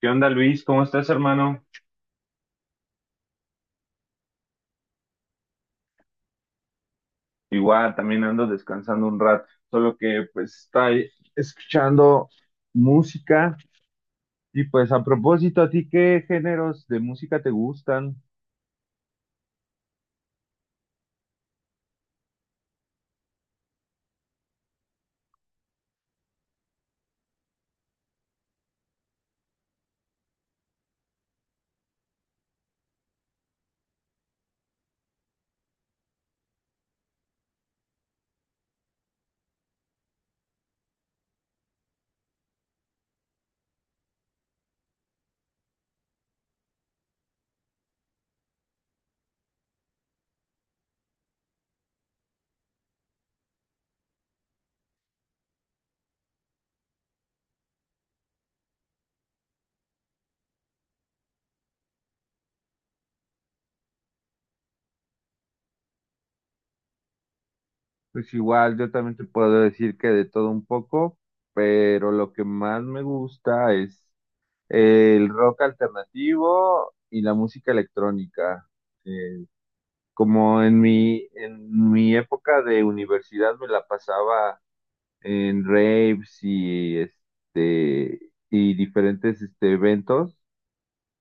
¿Qué onda, Luis? ¿Cómo estás, hermano? Igual, también ando descansando un rato, solo que pues está escuchando música y pues a propósito, ¿a ti qué géneros de música te gustan? Pues igual, yo también te puedo decir que de todo un poco, pero lo que más me gusta es el rock alternativo y la música electrónica. Eh, Como en mi época de universidad me la pasaba en raves y diferentes eventos.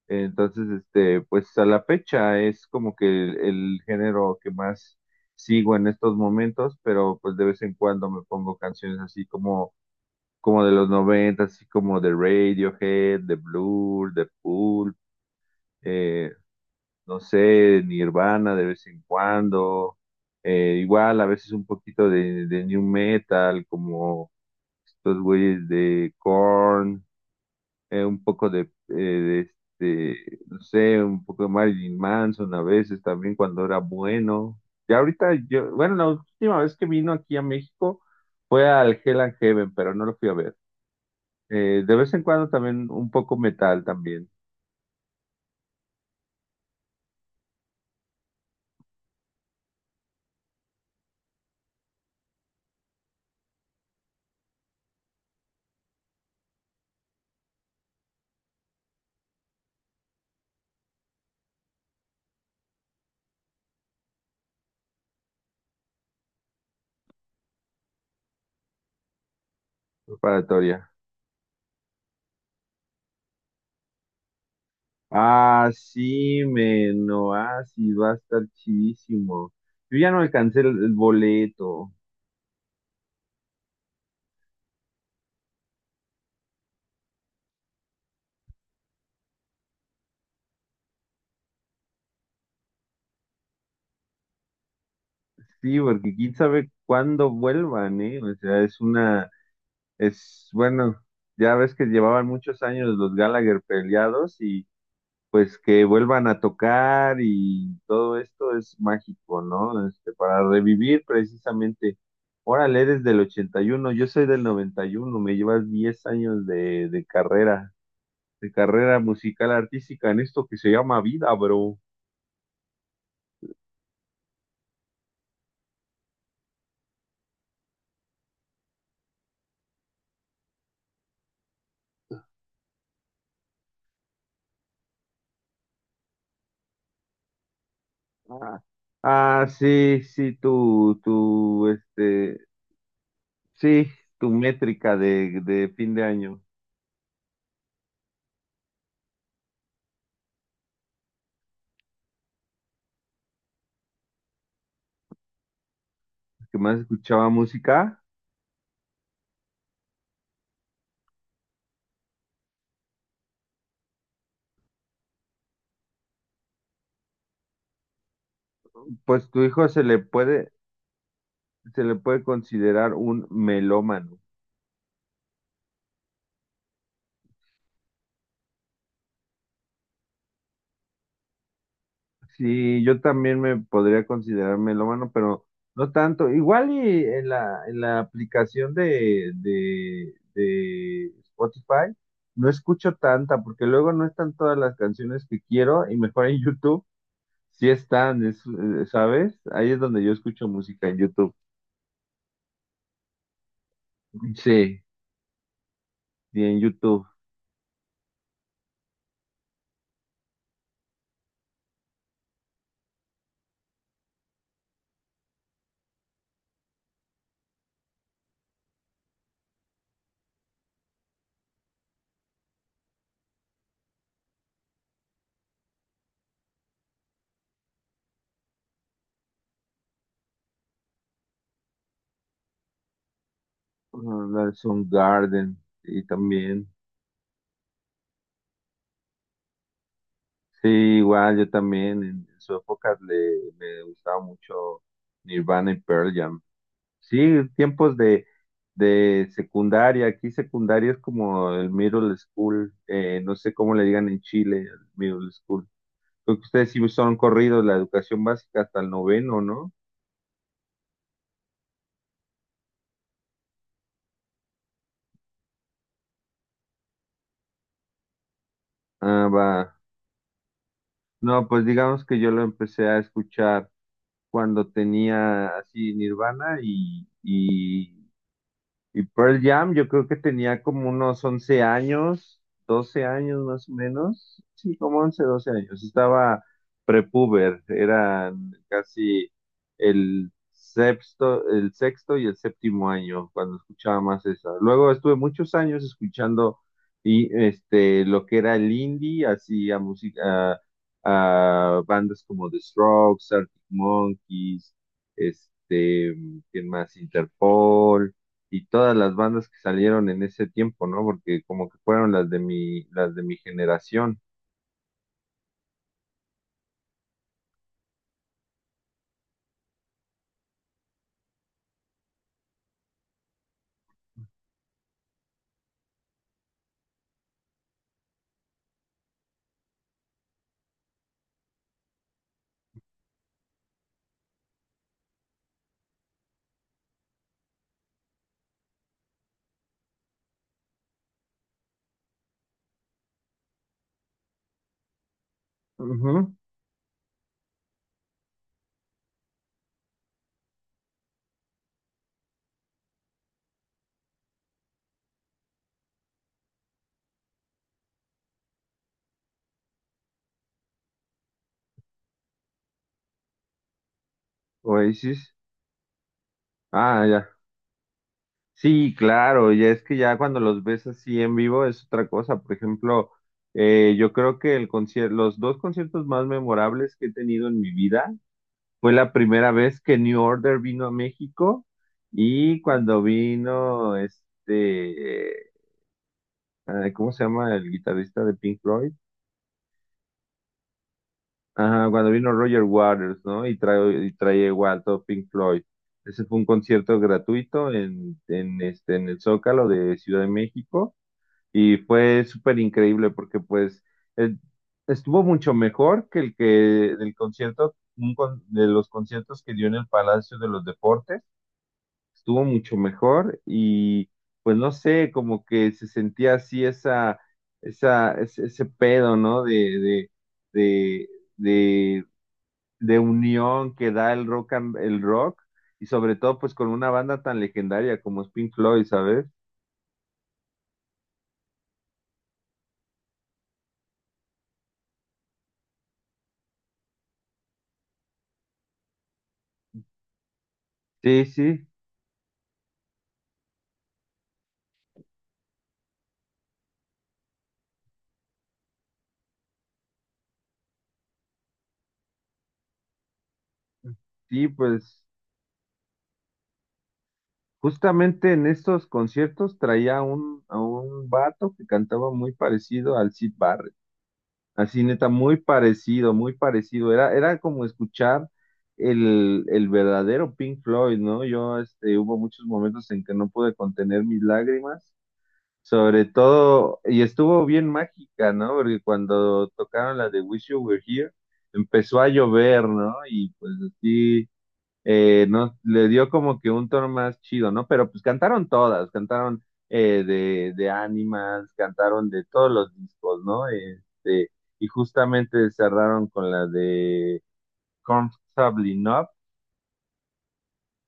Entonces, pues a la fecha es como que el género que más sigo en estos momentos, pero pues de vez en cuando me pongo canciones como de los 90 así como de Radiohead, de Blur, de Pulp, eh, no sé, Nirvana de vez en cuando, igual a veces un poquito de new metal, como estos güeyes de Korn, un poco de no sé, un poco de Marilyn Manson a veces también cuando era bueno. Ya ahorita yo, bueno, la última vez que vino aquí a México fue al Hell and Heaven, pero no lo fui a ver. De vez en cuando también un poco metal también, preparatoria. Ah, sí, men, no, ah, sí, va a estar chidísimo. Yo ya no alcancé el boleto. Sí, porque quién sabe cuándo vuelvan, ¿eh? O sea, bueno, ya ves que llevaban muchos años los Gallagher peleados y pues que vuelvan a tocar y todo esto es mágico, ¿no? Para revivir precisamente. Órale, eres del 81, yo soy del 91, me llevas 10 años de carrera musical artística en esto que se llama vida, bro. Ah, ah, sí, sí, sí, tu métrica de fin de año, que más escuchaba música, pues tu hijo se le puede considerar un melómano. Sí, yo también me podría considerar melómano, pero no tanto. Igual y en la aplicación de Spotify no escucho tanta, porque luego no están todas las canciones que quiero, y mejor en YouTube sí están, ¿sabes? Ahí es donde yo escucho música en YouTube. Sí, sí, en YouTube. Son Garden y también. Sí, igual yo también en su época le, me gustaba mucho Nirvana y Pearl Jam. Sí, tiempos de secundaria. Aquí secundaria es como el middle school. No sé cómo le digan en Chile, el middle school. Creo que ustedes sí son corridos la educación básica hasta el noveno, ¿no? Ah, va. No, pues digamos que yo lo empecé a escuchar cuando tenía así Nirvana y Pearl Jam, yo creo que tenía como unos 11 años, 12 años más o menos. Sí, como 11 12 años. Estaba prepuber, eran casi el sexto y el séptimo año cuando escuchaba más esa. Luego estuve muchos años escuchando lo que era el indie, así a música, a bandas como The Strokes, Arctic Monkeys, este, ¿quién más? Interpol y todas las bandas que salieron en ese tiempo, ¿no? Porque como que fueron las de mi generación. Ujú. Oasis. Ah, ya. Sí, claro, ya es que ya cuando los ves así en vivo es otra cosa. Por ejemplo, yo creo que los dos conciertos más memorables que he tenido en mi vida fue la primera vez que New Order vino a México y cuando vino ¿cómo se llama el guitarrista de Pink Floyd? Ajá, cuando vino Roger Waters, ¿no? Y trae igual todo Pink Floyd. Ese fue un concierto gratuito en el Zócalo de Ciudad de México y fue súper increíble porque pues eh, estuvo mucho mejor que el concierto, un con- de los conciertos que dio en el Palacio de los Deportes, estuvo mucho mejor y pues no sé, como que se sentía así ese pedo, ¿no? De, de de de unión que da el rock y sobre todo pues con una banda tan legendaria como es Pink Floyd, ¿sabes? Sí, sí, sí, pues justamente en estos conciertos traía a un vato que cantaba muy parecido al Sid Barrett, así neta, muy parecido, era como escuchar el verdadero Pink Floyd, ¿no? Yo, hubo muchos momentos en que no pude contener mis lágrimas. Sobre todo, y estuvo bien mágica, ¿no? Porque cuando tocaron la de Wish You Were Here, empezó a llover, ¿no? Y pues así, no, le dio como que un tono más chido, ¿no? Pero pues cantaron todas, cantaron de Animals, cantaron de todos los discos, ¿no? Y justamente cerraron con la de Comfortably Numb,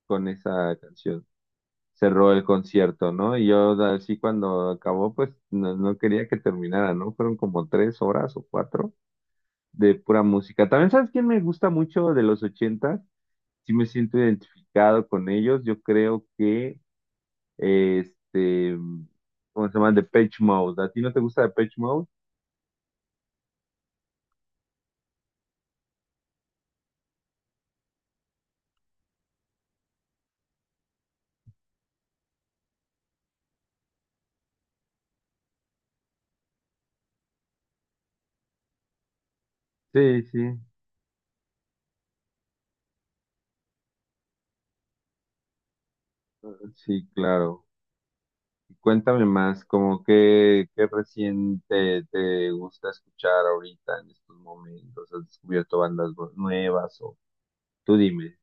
con esa canción cerró el concierto, ¿no? Y yo así cuando acabó, pues no, no quería que terminara, ¿no? Fueron como 3 horas o 4 de pura música. También, ¿sabes quién me gusta mucho de los ochentas? Sí me siento identificado con ellos. Yo creo que, eh, este, ¿cómo se llama? Depeche Mode. ¿A ti no te gusta Depeche Mode? Sí, sí, sí, claro. Cuéntame más, como qué, qué recién te, te gusta escuchar ahorita en estos momentos. ¿Has descubierto bandas nue- nuevas o tú dime.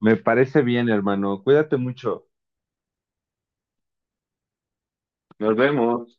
Me parece bien, hermano. Cuídate mucho. Nos vemos.